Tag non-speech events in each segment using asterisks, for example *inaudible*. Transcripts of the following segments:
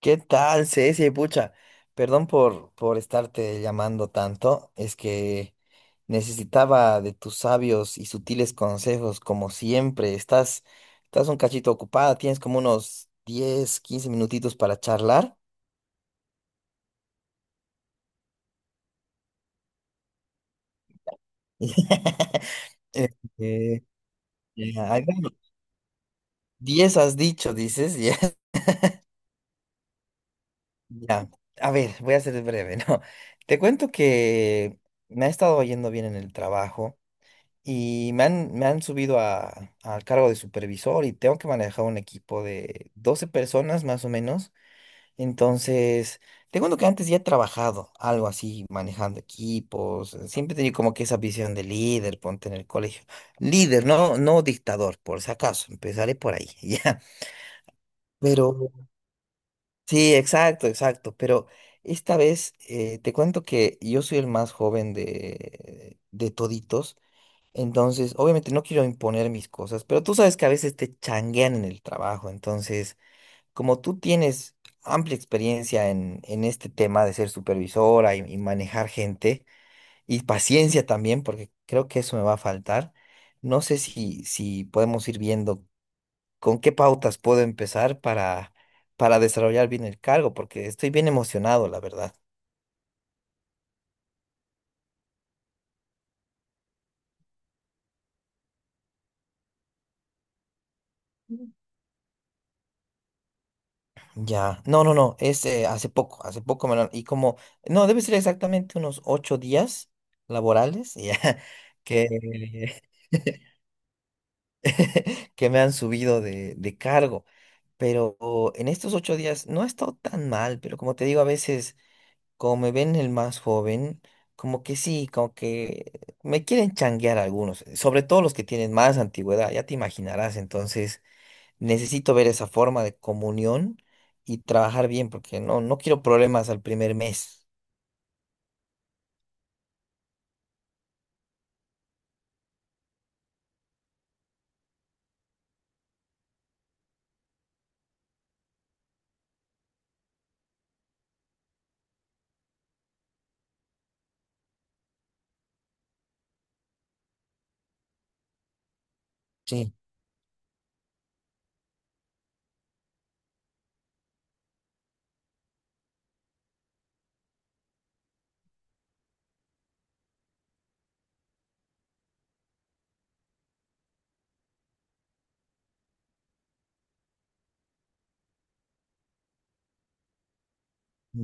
¿Qué tal, Ceci? Pucha, perdón por estarte llamando tanto. Es que necesitaba de tus sabios y sutiles consejos, como siempre. Estás un cachito ocupada, tienes como unos 10 15 minutitos para charlar. *laughs* Este, ya, ay, bueno, 10 has dicho, dices. Ya, *laughs* ya. A ver, voy a ser breve, ¿no? Te cuento que me ha estado yendo bien en el trabajo. Y me han subido al cargo de supervisor y tengo que manejar un equipo de 12 personas más o menos. Entonces, tengo uno que antes ya he trabajado, algo así, manejando equipos. Siempre he tenido como que esa visión de líder, ponte en el colegio. Líder, no, no dictador, por si acaso. Empezaré por ahí, *laughs* ya. Pero, sí, exacto, exacto. Pero esta vez te cuento que yo soy el más joven de toditos. Entonces, obviamente no quiero imponer mis cosas, pero tú sabes que a veces te changuean en el trabajo. Entonces, como tú tienes amplia experiencia en este tema de ser supervisora y manejar gente, y paciencia también, porque creo que eso me va a faltar, no sé si podemos ir viendo con qué pautas puedo empezar para desarrollar bien el cargo, porque estoy bien emocionado, la verdad. Ya, no, no, no, es hace poco, no, debe ser exactamente unos 8 días laborales ya, *laughs* que, *laughs* que me han subido de cargo, pero en estos 8 días no ha estado tan mal, pero como te digo, a veces, como me ven el más joven, como que sí, como que me quieren changuear algunos, sobre todo los que tienen más antigüedad, ya te imaginarás, entonces necesito ver esa forma de comunión y trabajar bien, porque no quiero problemas al primer mes. Sí,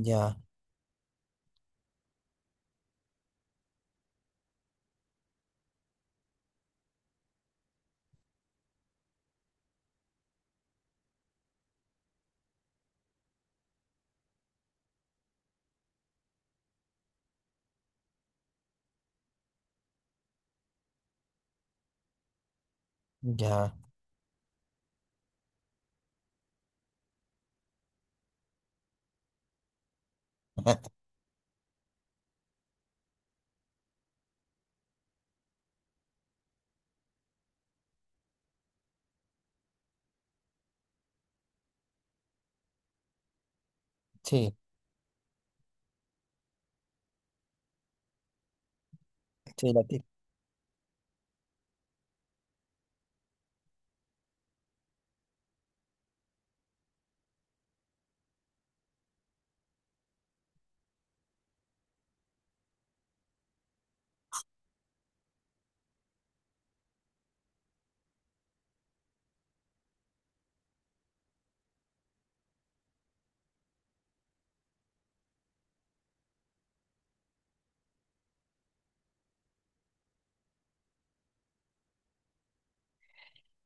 ya, ya. *laughs* Sí, sí,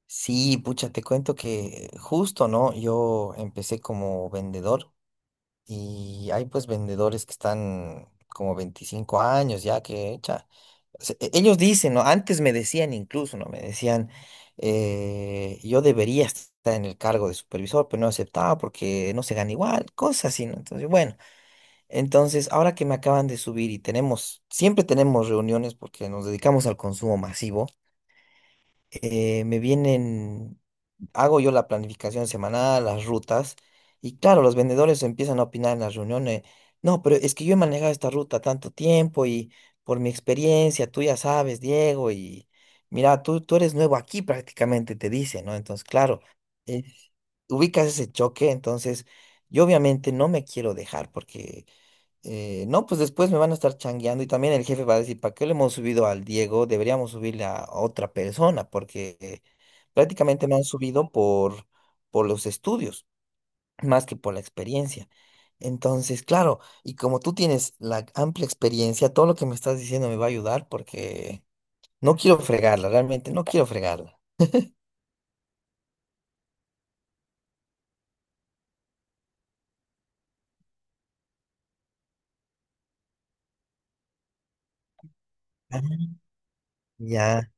sí, pucha, te cuento que justo, ¿no? Yo empecé como vendedor y hay pues vendedores que están como 25 años ya que, ellos dicen, ¿no? Antes me decían incluso, ¿no? Me decían, yo debería estar en el cargo de supervisor, pero no aceptaba porque no se gana igual, cosas así, ¿no? Entonces, bueno, entonces ahora que me acaban de subir y siempre tenemos reuniones porque nos dedicamos al consumo masivo, me vienen hago yo la planificación semanal, las rutas, y claro, los vendedores empiezan a opinar en las reuniones, no, pero es que yo he manejado esta ruta tanto tiempo y por mi experiencia, tú ya sabes, Diego, y mira, tú eres nuevo aquí prácticamente, te dice, ¿no? Entonces, claro, eh, ubicas ese choque, entonces yo obviamente no me quiero dejar porque no, pues después me van a estar changueando y también el jefe va a decir, ¿para qué le hemos subido al Diego? Deberíamos subirle a otra persona porque prácticamente me han subido por los estudios, más que por la experiencia. Entonces, claro, y como tú tienes la amplia experiencia, todo lo que me estás diciendo me va a ayudar porque no quiero fregarla, realmente no quiero fregarla. Ah, ya,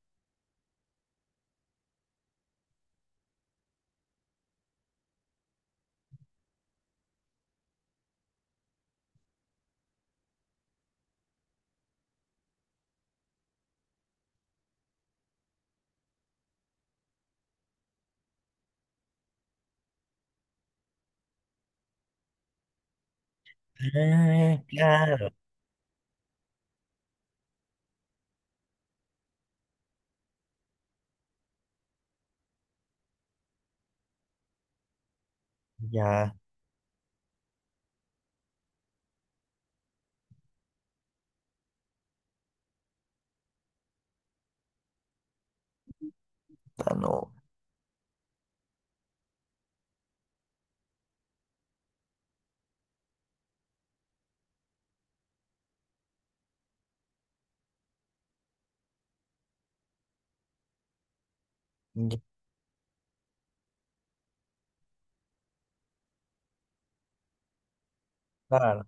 ah, claro, ya, ah, no, ya, claro,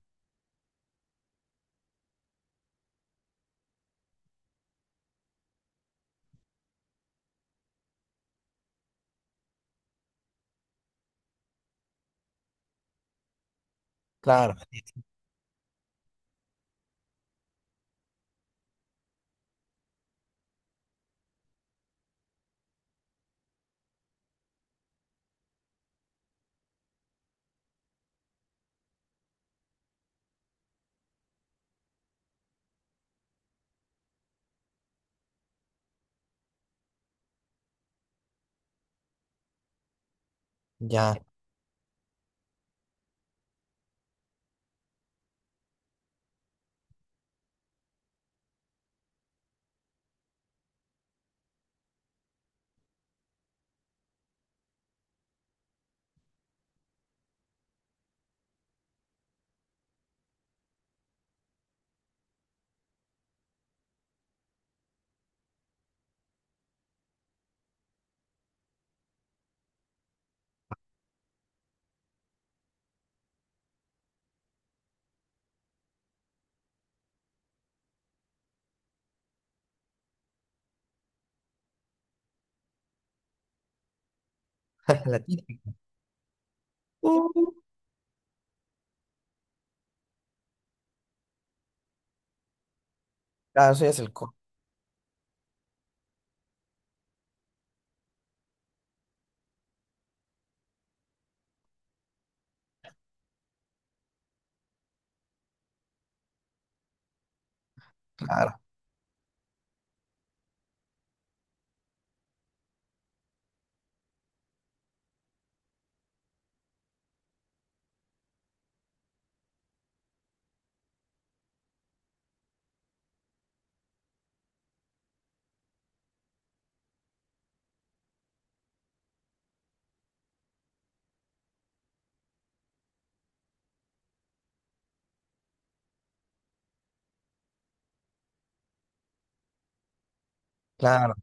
claro, ya, *laughs* la típica. Claro, eso ya es el co. Claro, claro.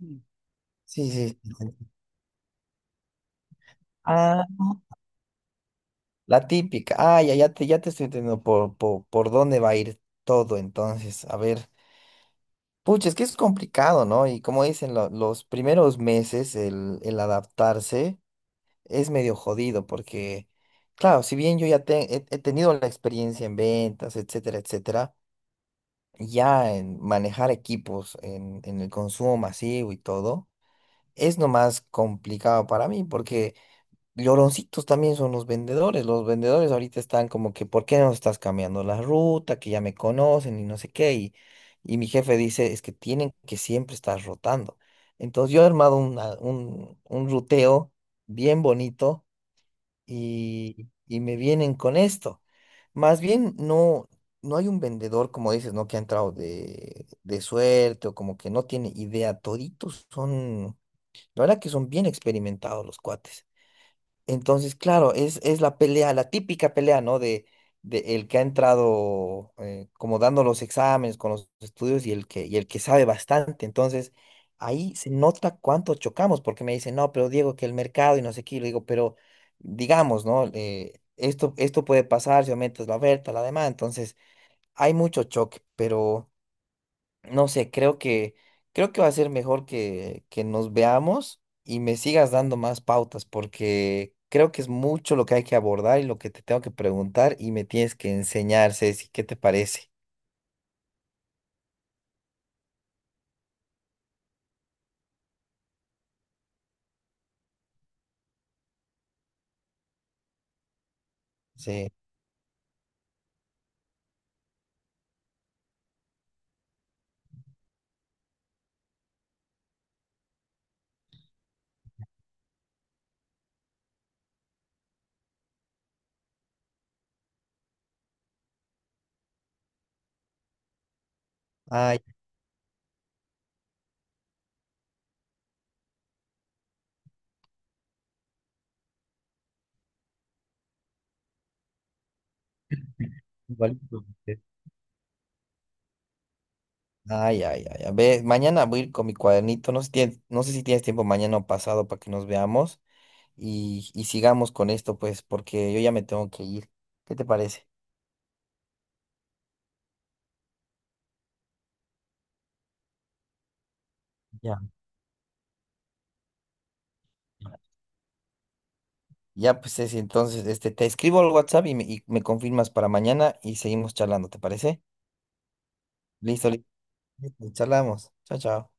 Mm. Sí, sí. Sí, sí. Ah, la típica. Ah, ya, ya te estoy entendiendo por dónde va a ir todo, entonces. A ver. Pucha, es que es complicado, ¿no? Y como dicen, los primeros meses, el adaptarse es medio jodido, porque, claro, si bien yo ya he tenido la experiencia en ventas, etcétera, etcétera, ya en manejar equipos, en el consumo masivo y todo, es nomás complicado para mí, porque. Lloroncitos también son los vendedores. Los vendedores ahorita están como que, ¿por qué no estás cambiando la ruta? Que ya me conocen y no sé qué. y, mi jefe dice, es que tienen que siempre estar rotando. Entonces yo he armado un ruteo bien bonito y me vienen con esto. Más bien no, no hay un vendedor, como dices, ¿no? Que ha entrado de suerte o como que no tiene idea. Toditos son, la verdad que son bien experimentados los cuates. Entonces, claro, es la pelea, la típica pelea, ¿no? De el que ha entrado como dando los exámenes con los estudios y el que sabe bastante. Entonces, ahí se nota cuánto chocamos, porque me dicen, no, pero Diego, que el mercado y no sé qué, y le digo, pero digamos, ¿no? Esto puede pasar si aumentas la oferta, la demanda. Entonces, hay mucho choque, pero... No sé, creo que va a ser mejor que nos veamos y me sigas dando más pautas, porque creo que es mucho lo que hay que abordar y lo que te tengo que preguntar y me tienes que enseñar, Ceci, ¿qué te parece? Sí. Ay, igual. Ay, ay, ay. A ver, mañana voy a ir con mi cuadernito. No sé, no sé si tienes tiempo mañana o pasado para que nos veamos y sigamos con esto, pues, porque yo ya me tengo que ir. ¿Qué te parece? Ya. Ya, pues Ceci, entonces, este, te escribo al WhatsApp y y me confirmas para mañana y seguimos charlando, ¿te parece? Listo, listo. Charlamos. Chao, chao.